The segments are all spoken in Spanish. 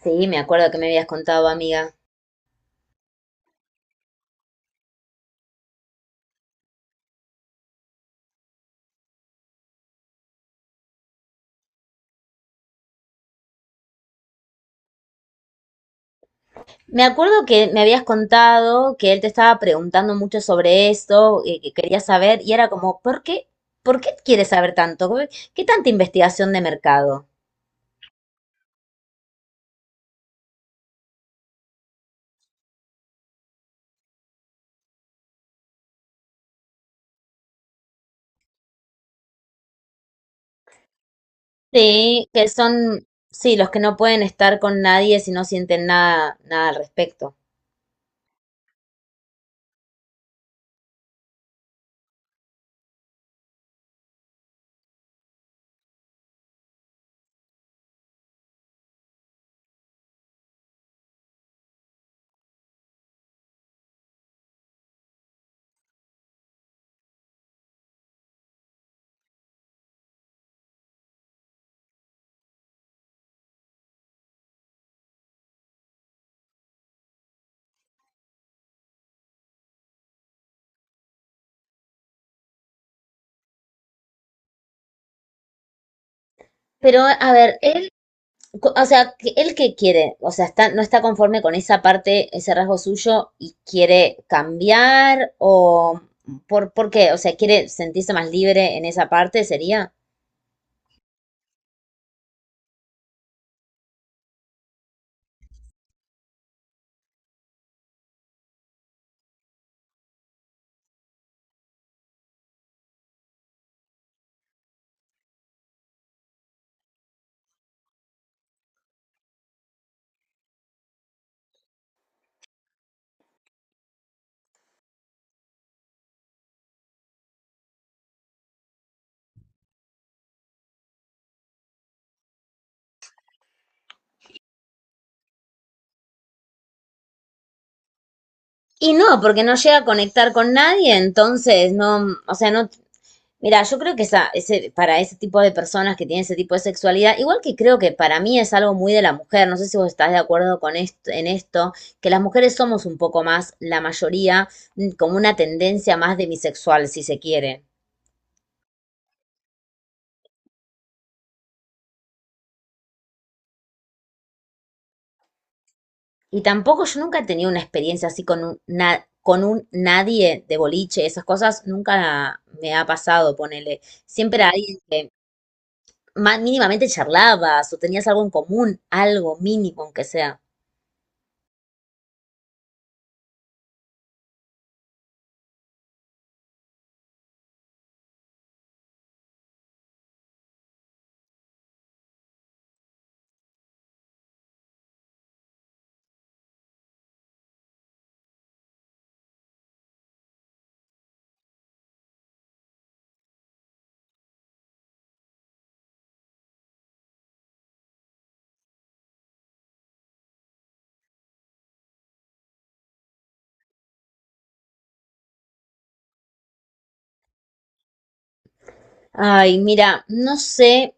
Sí, me acuerdo que me habías contado, amiga. Me acuerdo que me habías contado que él te estaba preguntando mucho sobre esto, y que quería saber, y era como, ¿por qué? ¿Por qué quieres saber tanto? ¿Qué tanta investigación de mercado? Sí, que son, sí, los que no pueden estar con nadie si no sienten nada, nada al respecto. Pero, a ver, o sea, que él que quiere, o sea, está, no está conforme con esa parte, ese rasgo suyo y quiere cambiar o ¿por qué? O sea, quiere sentirse más libre en esa parte, sería. Y no, porque no llega a conectar con nadie, entonces no, o sea, no, mira, yo creo que esa, ese, para ese tipo de personas que tienen ese tipo de sexualidad, igual que creo que para mí es algo muy de la mujer, no sé si vos estás de acuerdo con esto, en esto, que las mujeres somos un poco más, la mayoría, como una tendencia más de bisexual, si se quiere. Y tampoco yo nunca he tenido una experiencia así con un, con un nadie de boliche, esas cosas nunca me ha pasado, ponele. Siempre era alguien que mínimamente charlabas o tenías algo en común, algo mínimo aunque sea. Ay, mira, no sé,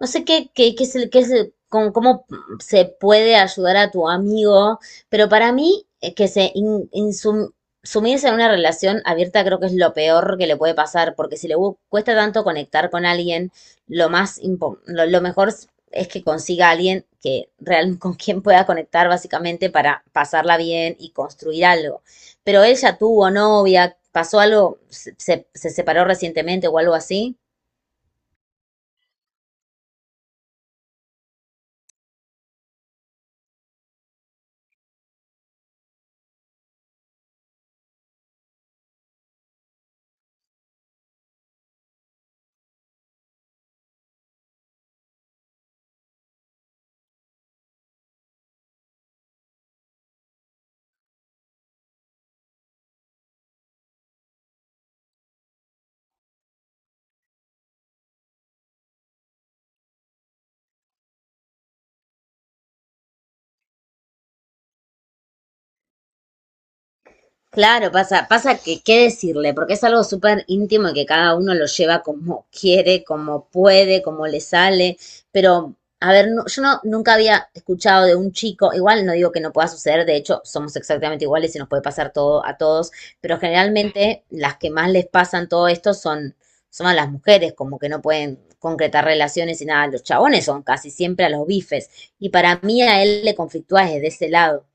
no sé qué es con, cómo se puede ayudar a tu amigo, pero para mí que sumirse en una relación abierta creo que es lo peor que le puede pasar, porque si cuesta tanto conectar con alguien, lo más impo- lo mejor es que consiga a alguien que real con quien pueda conectar básicamente para pasarla bien y construir algo. Pero él ya tuvo novia, pasó algo, se separó recientemente o algo así. Claro, pasa, pasa que qué decirle, porque es algo súper íntimo y que cada uno lo lleva como quiere, como puede, como le sale. Pero, a ver, yo no, nunca había escuchado de un chico, igual no digo que no pueda suceder, de hecho, somos exactamente iguales y nos puede pasar todo a todos, pero generalmente las que más les pasan todo esto son, son a las mujeres, como que no pueden concretar relaciones y nada, los chabones son casi siempre a los bifes. Y para mí a él le conflictúa desde ese lado.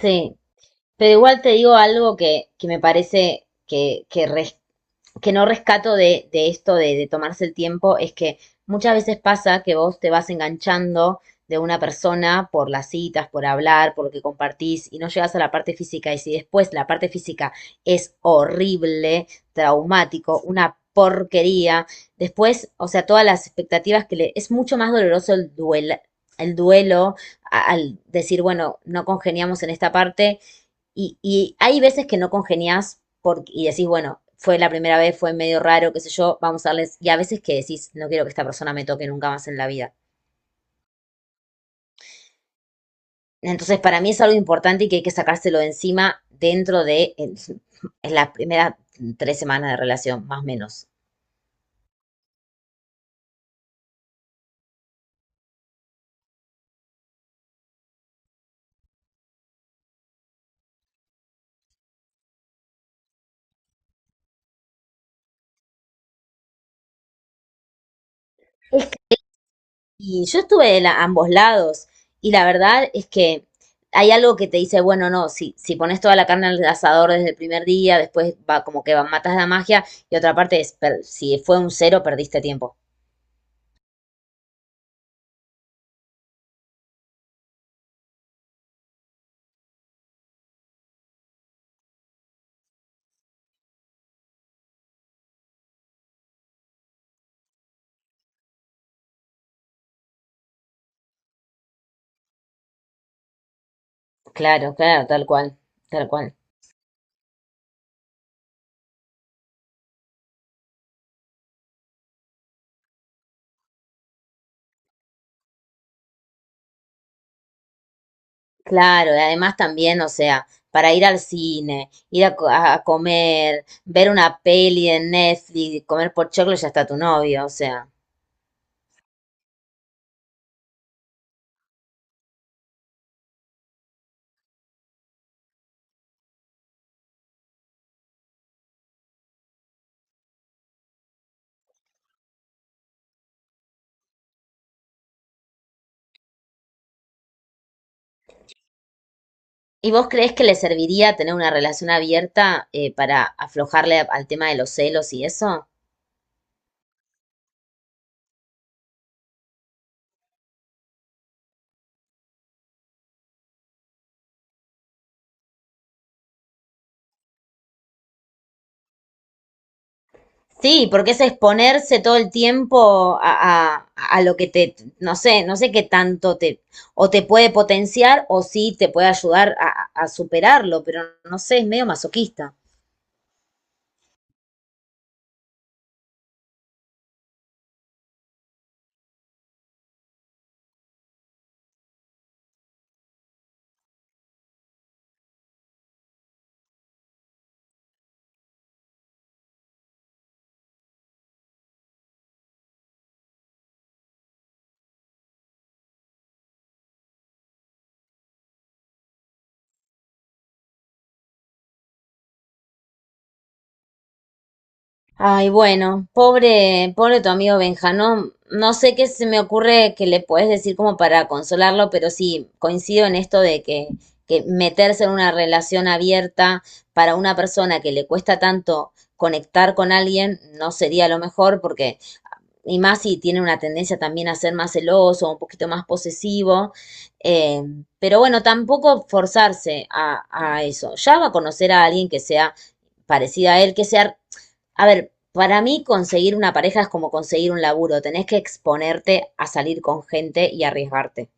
Sí. Pero igual te digo algo que me parece que no rescato de esto de tomarse el tiempo, es que muchas veces pasa que vos te vas enganchando de una persona por las citas, por hablar, por lo que compartís y no llegas a la parte física. Y si después la parte física es horrible, traumático, una porquería, después, o sea, todas las expectativas que le... Es mucho más doloroso el duelo al decir, bueno, no congeniamos en esta parte y hay veces que no congenias porque, y decís, bueno, fue la primera vez, fue medio raro, qué sé yo, vamos a darles. Y a veces que decís, no quiero que esta persona me toque nunca más en la vida. Entonces, para mí es algo importante y que hay que sacárselo de encima dentro de en, las primeras 3 semanas de relación, más o menos. Y yo estuve de ambos lados y la verdad es que hay algo que te dice, bueno, no, si, si pones toda la carne al asador desde el primer día, después va como que va, matas la magia y otra parte es, si fue un cero, perdiste tiempo. Claro, claro, tal cual, tal cual. Claro, y además también, o sea, para ir al cine, ir a comer, ver una peli en Netflix, comer por choclo, ya está tu novio, o sea. ¿Y vos crees que le serviría tener una relación abierta para aflojarle al tema de los celos y eso? Sí, porque es exponerse todo el tiempo a lo que te, no sé, no sé qué tanto te, o te puede potenciar o sí te puede ayudar a superarlo, pero no sé, es medio masoquista. Ay, bueno, pobre, pobre tu amigo Benja, no, no sé qué se me ocurre que le puedes decir como para consolarlo, pero sí, coincido en esto de que meterse en una relación abierta para una persona que le cuesta tanto conectar con alguien no sería lo mejor, porque, y más si tiene una tendencia también a ser más celoso, un poquito más posesivo, eh, pero bueno, tampoco forzarse a eso. Ya va a conocer a alguien que sea parecida a él, que sea... A ver, para mí conseguir una pareja es como conseguir un laburo, tenés que exponerte a salir con gente y arriesgarte.